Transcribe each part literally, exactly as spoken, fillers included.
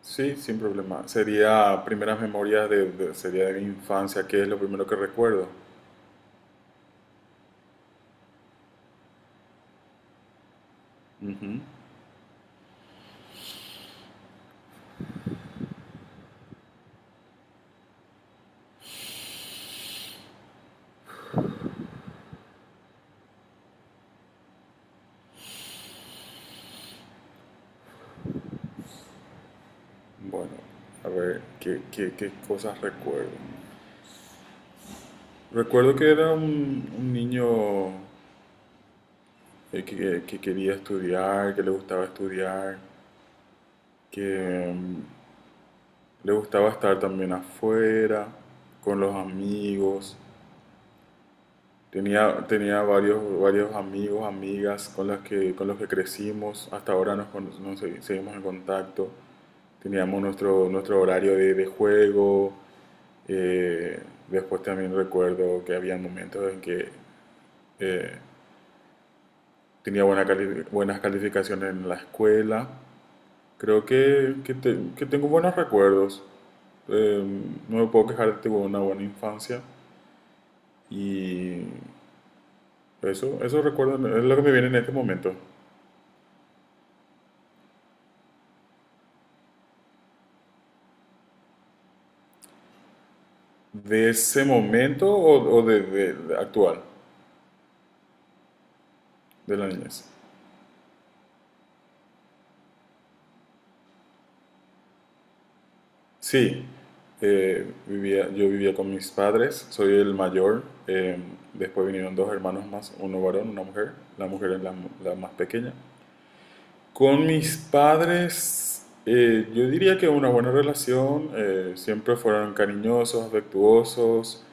Sí, sin problema. Sería primeras memorias de, de- sería de mi infancia. ¿Qué es lo primero que recuerdo? Bueno, a ver, ¿qué, qué- ¿qué cosas recuerdo? Recuerdo que era un, un niño eh, que, eh, que quería estudiar, que le gustaba estudiar, que mm, le gustaba estar también afuera, con los amigos. Tenía, tenía varios, varios amigos, amigas con las que, con los que crecimos. Hasta ahora nos, cono- nos segui- seguimos en contacto. Teníamos nuestro, nuestro horario de, de juego. eh, Después también recuerdo que había momentos en que eh, tenía buena cali- buenas calificaciones en la escuela. Creo que, que, te- que tengo buenos recuerdos. Eh, no me puedo quejar, tuve una buena infancia. Y eso, eso recuerdo, es lo que me viene en este momento. ¿De ese momento o, o de, de- de actual, de la niñez? Sí, eh, vivía, yo vivía con mis padres, soy el mayor. Eh, después vinieron dos hermanos más, uno varón, una mujer. La mujer es la, la más pequeña. Con mis padres, eh, yo diría que una buena relación. Eh, siempre fueron cariñosos, afectuosos.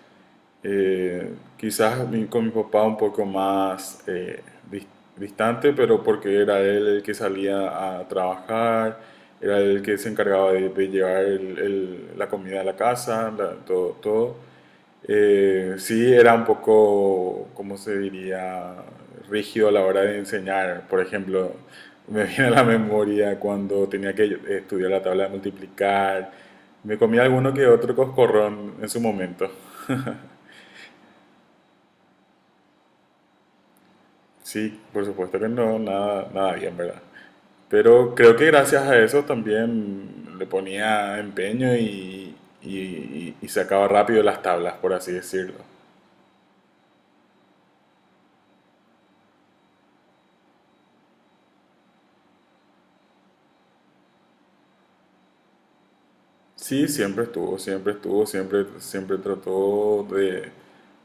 Eh, quizás mi- con mi papá un poco más eh, dis- distante, pero porque era él el que salía a trabajar, era él el que se encargaba de, de llevar el- el- la comida a la casa, la- todo, todo. Eh, sí, era un poco, ¿cómo se diría? Rígido a la hora de enseñar. Por ejemplo, me viene a la memoria cuando tenía que estudiar la tabla de multiplicar. Me comía alguno que otro coscorrón en su momento. Sí, por supuesto que no, nada, nada bien, ¿verdad? Pero creo que gracias a eso también le ponía empeño y, y- y y sacaba rápido las tablas, por así decirlo. Sí, siempre estuvo, siempre estuvo, siempre, siempre trató de,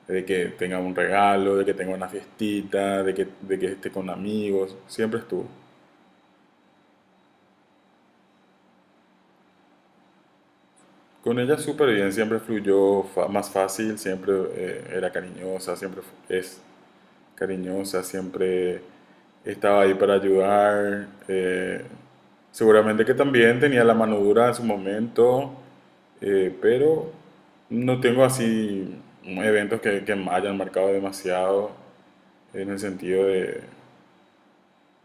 de que tenga un regalo, de que tenga una fiestita, de que, de que esté con amigos, siempre estuvo. Con ella súper bien, siempre fluyó fa- más fácil. Siempre eh, era cariñosa, siempre fu- es cariñosa, siempre estaba ahí para ayudar. Eh, seguramente que también tenía la mano dura en su momento. Eh, pero no tengo así eventos que, que me hayan marcado demasiado en el sentido de,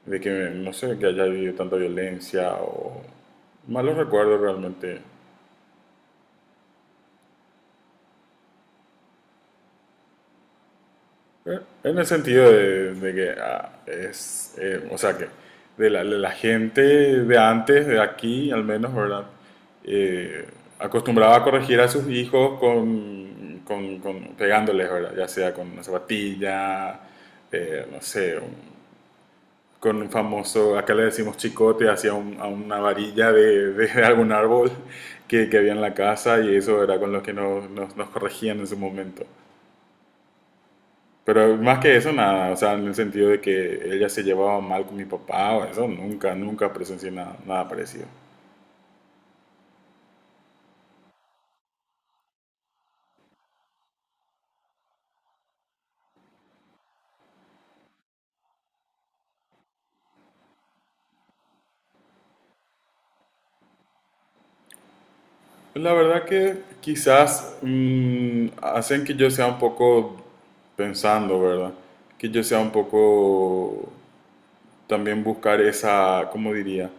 de que, no sé, que haya habido tanta violencia o malos recuerdos realmente. Eh, En el sentido de, de que ah, es, eh, o sea, que de la, de la gente de antes, de aquí al menos, ¿verdad? Eh, Acostumbraba a corregir a sus hijos con, con, con- pegándoles, ¿verdad? Ya sea con una zapatilla, eh, no sé, un- con un famoso, acá le decimos chicote, hacia un- a una varilla de, de algún árbol que, que había en la casa, y eso era con lo que nos, nos, nos corregían en su momento. Pero más que eso, nada. O sea, en el sentido de que ella se llevaba mal con mi papá, o eso, nunca, nunca presencié nada, nada parecido. La verdad que quizás mm, hacen que yo sea un poco pensando, ¿verdad? Que yo sea un poco también buscar esa, ¿cómo diría?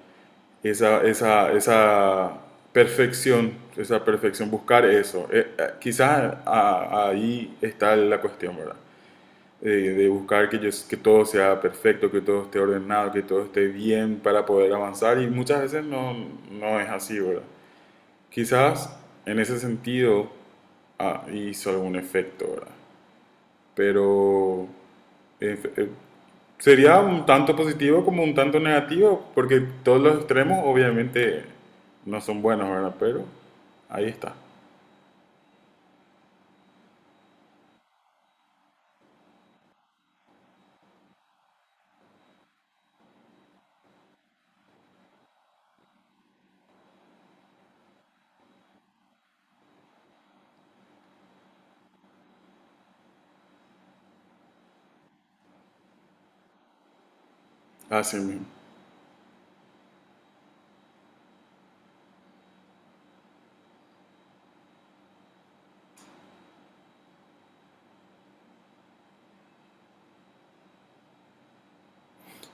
Esa, esa, esa perfección, esa perfección, buscar eso. Eh, eh, quizás a- ahí está la cuestión, ¿verdad? Eh, de buscar que, yo, que todo sea perfecto, que todo esté ordenado, que todo esté bien para poder avanzar, y muchas veces no, no es así, ¿verdad? Quizás en ese sentido ah, hizo algún efecto, ¿verdad? Pero eh, eh, sería un tanto positivo como un tanto negativo, porque todos los extremos obviamente no son buenos, ¿verdad? Pero ahí está, así mismo.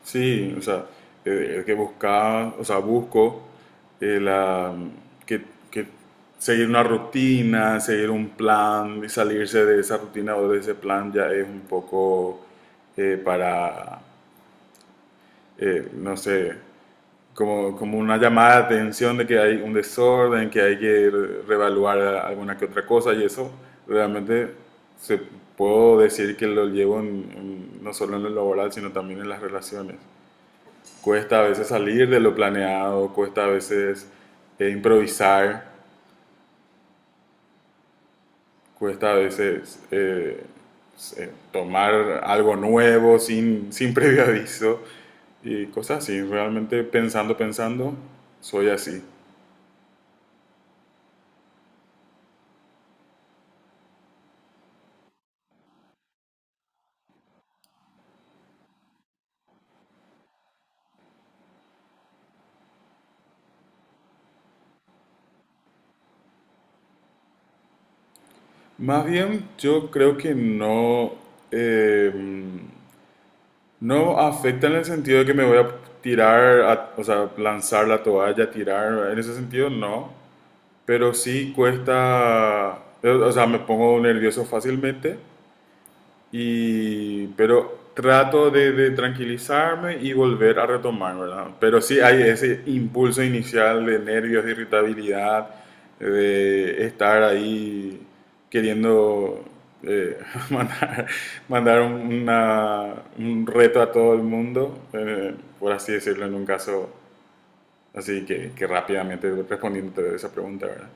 Sí, o sea, eh, el que buscaba, o sea, busco eh, la- que, que seguir una rutina, seguir un plan, y salirse de esa rutina o de ese plan ya es un poco eh, para, eh, no sé, como, como una llamada de atención de que hay un desorden, que hay que re- reevaluar alguna que otra cosa, y eso realmente se puedo decir que lo llevo en- en- no solo en lo laboral, sino también en las relaciones. Cuesta a veces salir de lo planeado, cuesta a veces eh, improvisar, cuesta a veces eh, eh, tomar algo nuevo sin, sin previo aviso y cosas así. Realmente pensando, pensando, soy así. Más bien, yo creo que no, eh, no afecta en el sentido de que me voy a tirar, a- o sea, lanzar la toalla, tirar, en ese sentido no. Pero sí cuesta, eh, o sea, me pongo nervioso fácilmente, y, pero trato de, de tranquilizarme y volver a retomar, ¿verdad? Pero sí hay ese impulso inicial de nervios, de irritabilidad, de estar ahí queriendo eh, mandar, mandar una, un reto a todo el mundo, eh, por así decirlo, en un caso así que, que rápidamente respondiendo a esa pregunta, ¿verdad?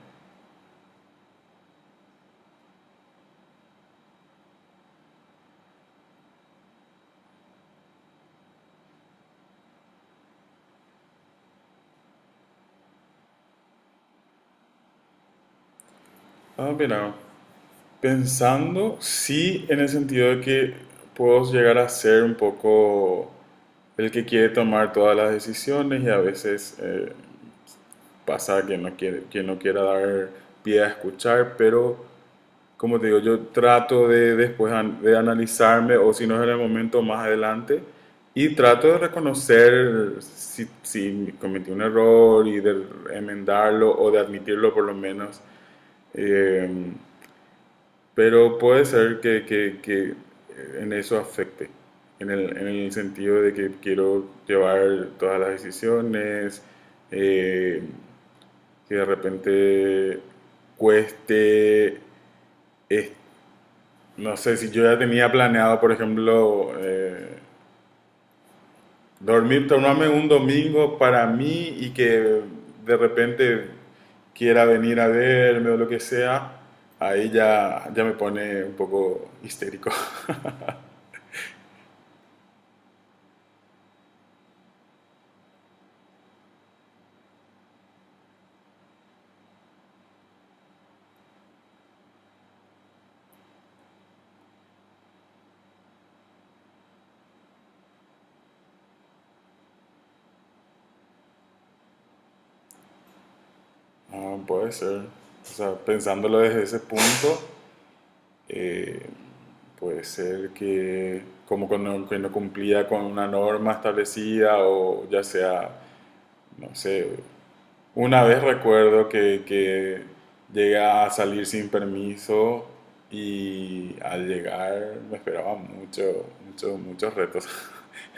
Ah, mira. Pensando, sí, en el sentido de que puedo llegar a ser un poco el que quiere tomar todas las decisiones, y a veces eh, pasa que no quiere, que no quiera dar pie a escuchar, pero como te digo, yo trato de después an- de analizarme, o si no es en el momento más adelante, y trato de reconocer si, si cometí un error y de enmendarlo o de admitirlo por lo menos. Eh, pero puede ser que, que- que eh, en eso afecte, en el, en el sentido de que quiero llevar todas las decisiones. eh, que de repente cueste, es- no sé, si yo ya tenía planeado, por ejemplo, eh, dormir, tomarme un domingo para mí, y que de repente quiera venir a verme o lo que sea, ahí ya, ya me pone un poco histérico. Ah, puede ser. O sea, pensándolo desde ese punto, eh, puede ser que como que no, que no cumplía con una norma establecida, o ya sea, no sé, una vez recuerdo que, que llega a salir sin permiso, y al llegar me esperaban mucho, mucho, muchos retos.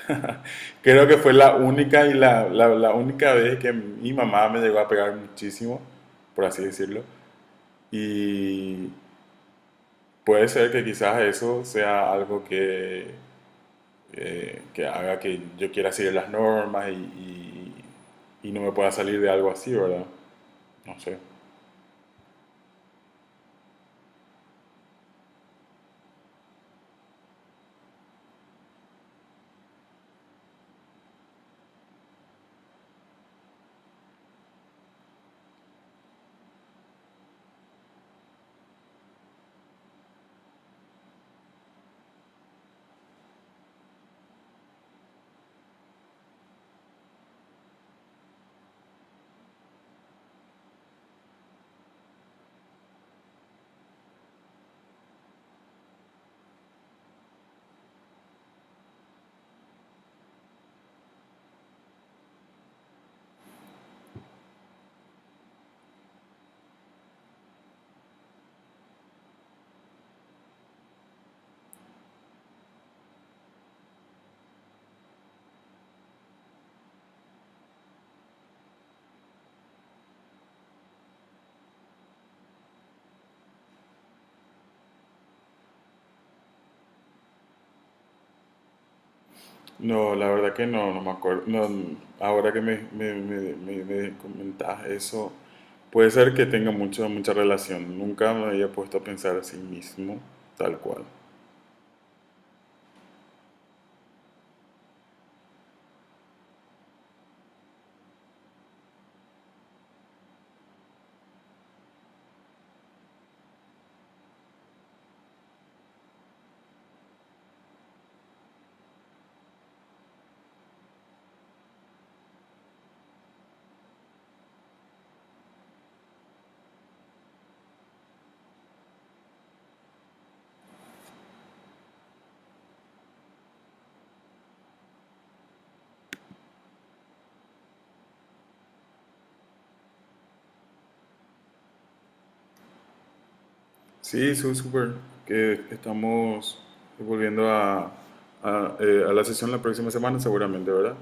Creo que fue la única, y la, la, la única vez que mi mamá me llegó a pegar muchísimo, por así decirlo. Y puede ser que quizás eso sea algo que, eh, que haga que yo quiera seguir las normas, y, y- y no me pueda salir de algo así, ¿verdad? No sé. No, la verdad que no, no me acuerdo. No, ahora que me, me, me, me- me comentas eso, puede ser que tenga mucho, mucha relación. Nunca me había puesto a pensar así mismo, tal cual. Sí, su- súper. Que estamos volviendo a, a, eh, a la sesión la próxima semana, seguramente, ¿verdad?